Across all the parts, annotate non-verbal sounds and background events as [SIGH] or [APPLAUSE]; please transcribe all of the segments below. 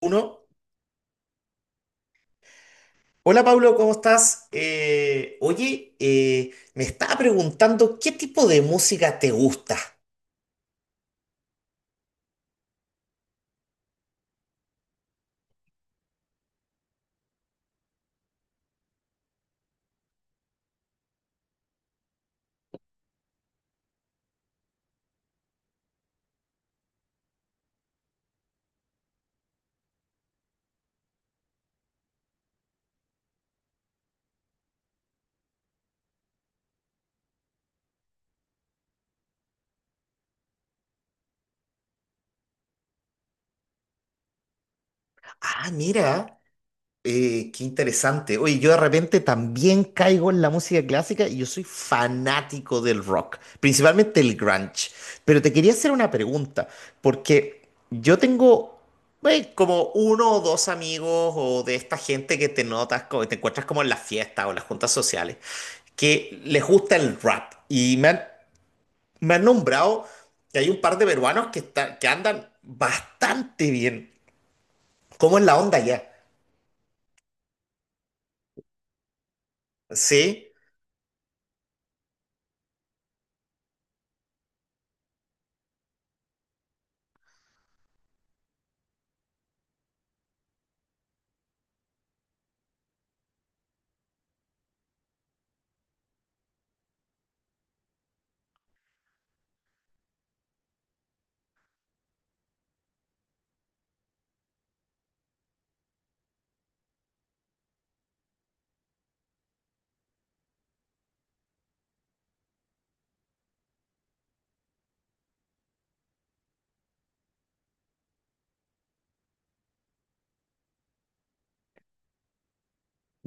Uno. Hola Pablo, ¿cómo estás? Oye, me estaba preguntando qué tipo de música te gusta. Ah, mira. Qué interesante. Oye, yo de repente también caigo en la música clásica y yo soy fanático del rock, principalmente el grunge. Pero te quería hacer una pregunta, porque yo tengo como uno o dos amigos o de esta gente que te notas, te encuentras como en las fiestas o las juntas sociales, que les gusta el rap. Y me han nombrado que hay un par de peruanos que, que andan bastante bien. ¿Cómo es la onda ya? Sí,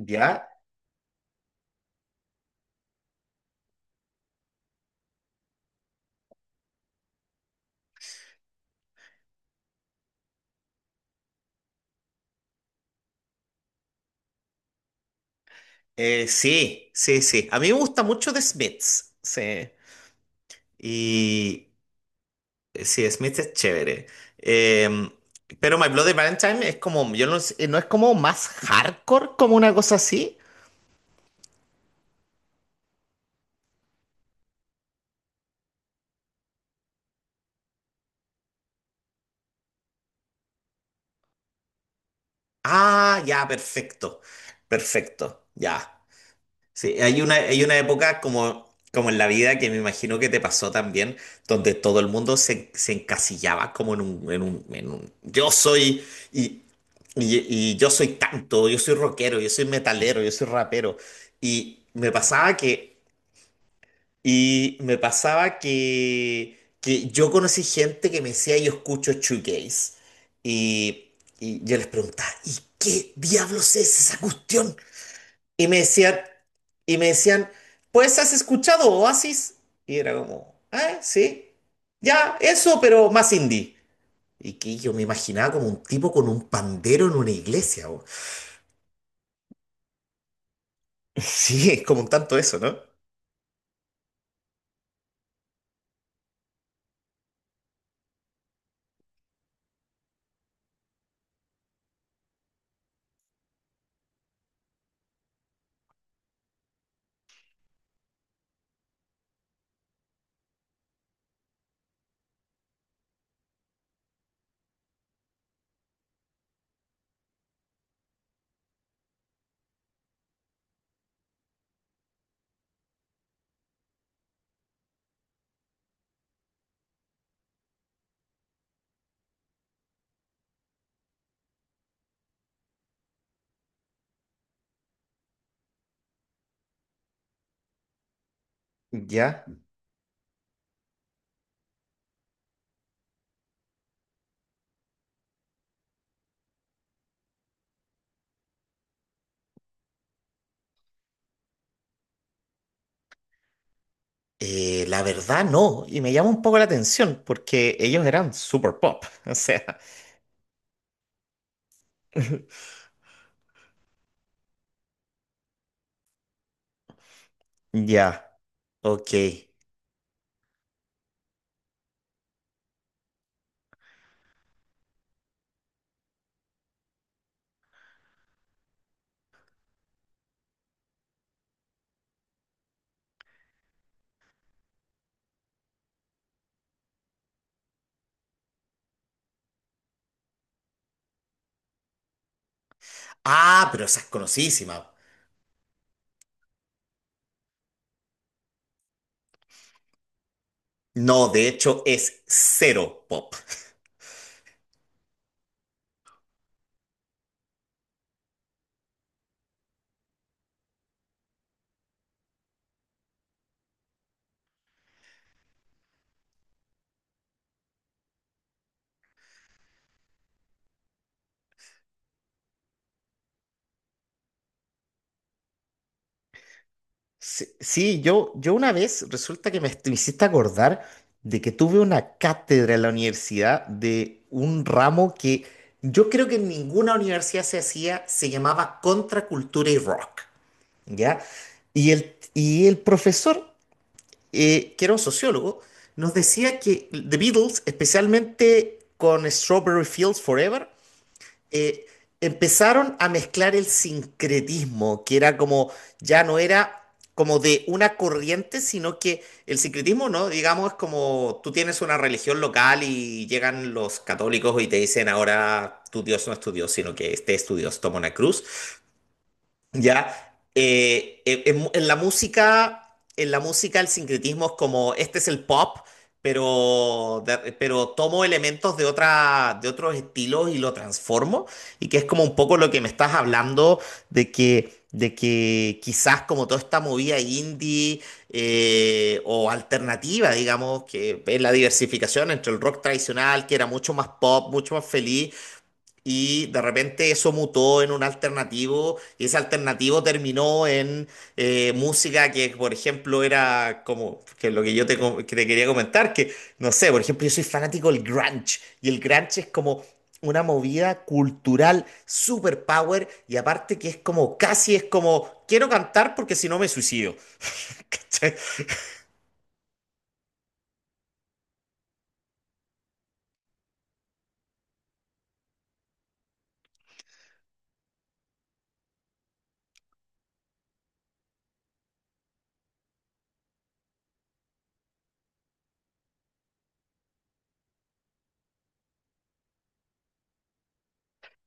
ya. Sí, sí, sí. A mí me gusta mucho The Smiths. Sí. Y sí, Smiths es chévere. Eh, pero My Bloody Valentine es como, yo no sé, no es como más hardcore, como una cosa así. Ah, ya, perfecto. Perfecto, ya. Sí, hay una época como, en la vida que me imagino que te pasó también, donde todo el mundo se encasillaba como yo soy y, y yo soy tanto, yo soy rockero, yo soy metalero, yo soy rapero. Y me pasaba que, que yo conocí gente que me decía yo escucho shoegaze. Y, y yo les preguntaba, ¿y qué diablos es esa cuestión? Y me decían, y me decían, pues has escuchado Oasis. Y era como, ah, sí, ya, eso, pero más indie. Y que yo me imaginaba como un tipo con un pandero en una iglesia. [LAUGHS] Sí, es como un tanto eso, ¿no? Ya. La verdad no, y me llama un poco la atención porque ellos eran super pop, [LAUGHS] o sea, ya, ok. Ah, pero esa es conocidísima. No, de hecho es cero pop. Sí, sí, yo una vez resulta que me hiciste acordar de que tuve una cátedra en la universidad de un ramo que yo creo que en ninguna universidad se hacía, se llamaba Contracultura y Rock, ¿ya? Y el profesor, que era un sociólogo, nos decía que The Beatles, especialmente con Strawberry Fields Forever, eh, empezaron a mezclar el sincretismo, que era como, ya no era como de una corriente, sino que el sincretismo, ¿no? Digamos, es como tú tienes una religión local y llegan los católicos y te dicen ahora tu Dios no es tu Dios, sino que este es tu Dios, toma una cruz. ¿Ya? En la música el sincretismo es como, este es el pop, pero, pero tomo elementos de otros estilos y lo transformo, y que es como un poco lo que me estás hablando de que quizás como toda esta movida indie o alternativa, digamos, que es la diversificación entre el rock tradicional, que era mucho más pop, mucho más feliz, y de repente eso mutó en un alternativo, y ese alternativo terminó en música que, por ejemplo, era como que lo que yo te, com- que te quería comentar, que no sé, por ejemplo, yo soy fanático del grunge, y el grunge es como una movida cultural super power, y aparte que es como casi es como quiero cantar porque si no me suicido. [LAUGHS] ¿Cachai?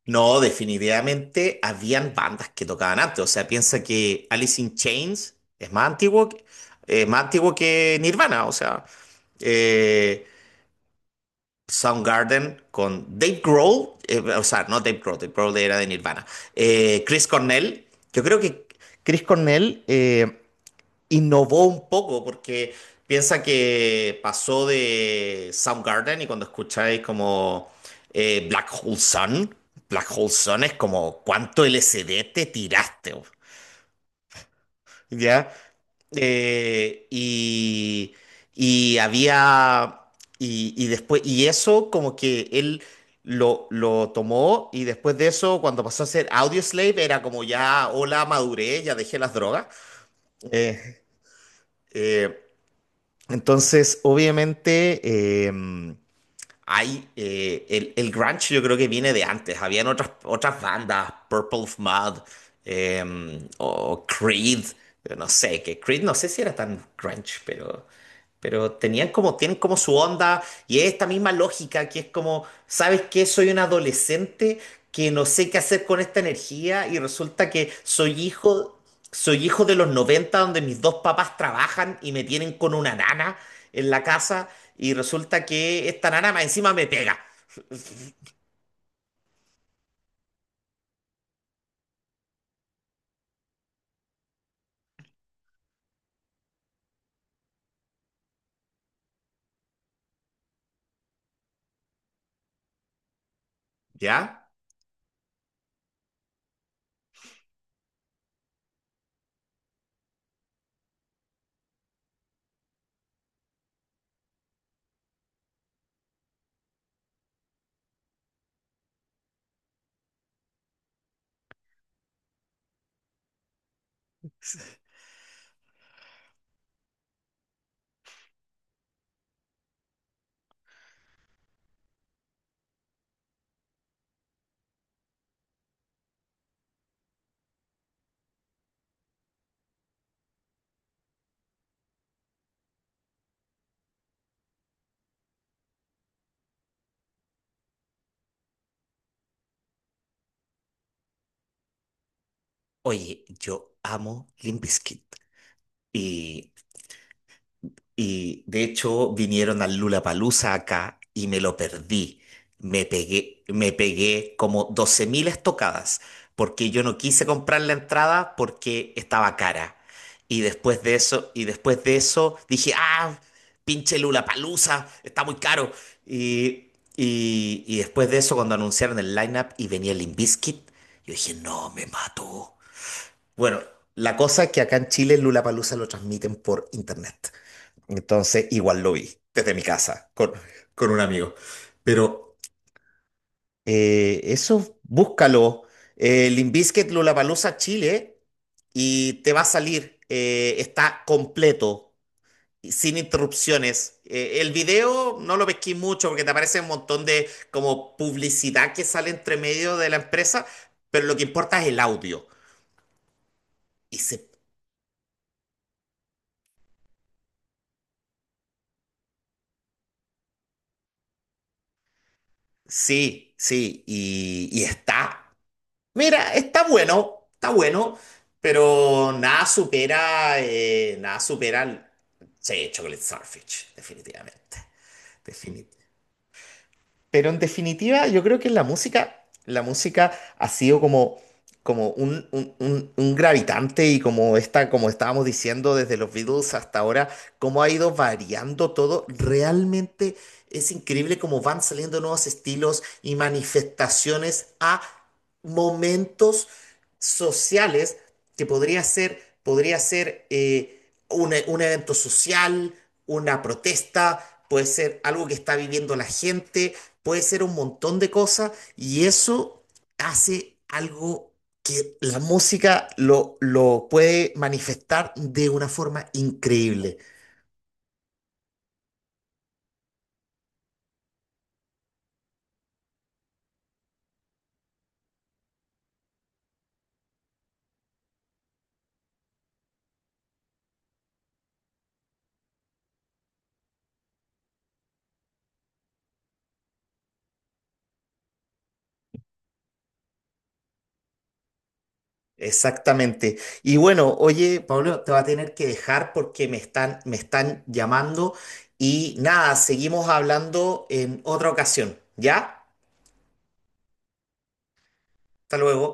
No, definitivamente habían bandas que tocaban antes. O sea, piensa que Alice in Chains es más antiguo que Nirvana. O sea, eh, Soundgarden con Dave Grohl. O sea, no Dave Grohl. Dave Grohl era de Nirvana. Chris Cornell, yo creo que Chris Cornell innovó un poco porque piensa que pasó de Soundgarden y cuando escucháis como Black Hole Sun. ¿Black Hole Sun es como cuánto LSD te tiraste, bo? ¿Ya? Eh, y, y había, y después, y eso como que él lo tomó y después de eso, cuando pasó a ser Audioslave, era como ya, hola, maduré, ya dejé las drogas. Eh, eh, Entonces, obviamente, eh, hay el grunge yo creo que viene de antes. Habían otras bandas, Purple Mud eh, o Creed, no sé, que Creed no sé si era tan grunge, pero tenían como, tienen como su onda y es esta misma lógica que es como, ¿sabes qué? Soy un adolescente que no sé qué hacer con esta energía y resulta que soy hijo de los 90 donde mis dos papás trabajan y me tienen con una nana en la casa y resulta que esta nana más encima me pega. [LAUGHS] ¿Ya? Oye, yo amo Limp Bizkit. Y de hecho vinieron al Lollapalooza acá y me lo perdí. Me pegué como 12.000 estocadas porque yo no quise comprar la entrada porque estaba cara. Y después de eso, dije, ah, pinche Lollapalooza, está muy caro. Y, después de eso, cuando anunciaron el lineup y venía Limp Bizkit, yo dije, no, me mato. Bueno, la cosa es que acá en Chile Lollapalooza lo transmiten por internet. Entonces, igual lo vi desde mi casa con un amigo. Pero eso, búscalo. Limp Bizkit Lollapalooza Chile y te va a salir. Está completo, y sin interrupciones. El video no lo pesqué mucho porque te aparece un montón de como publicidad que sale entre medio de la empresa, pero lo que importa es el audio. Y se, sí, sí, y está Mira, está bueno, pero nada supera, sí, Chocolate Starfish, definitivamente. Definitivamente. Pero en definitiva, yo creo que la música ha sido como, como un gravitante y como estábamos diciendo desde los Beatles hasta ahora, cómo ha ido variando todo. Realmente es increíble cómo van saliendo nuevos estilos y manifestaciones a momentos sociales que podría ser un evento social, una protesta, puede ser algo que está viviendo la gente, puede ser un montón de cosas y eso hace algo que la música lo puede manifestar de una forma increíble. Exactamente. Y bueno, oye, Pablo, te va a tener que dejar porque me están llamando y nada, seguimos hablando en otra ocasión, ¿ya? Hasta luego.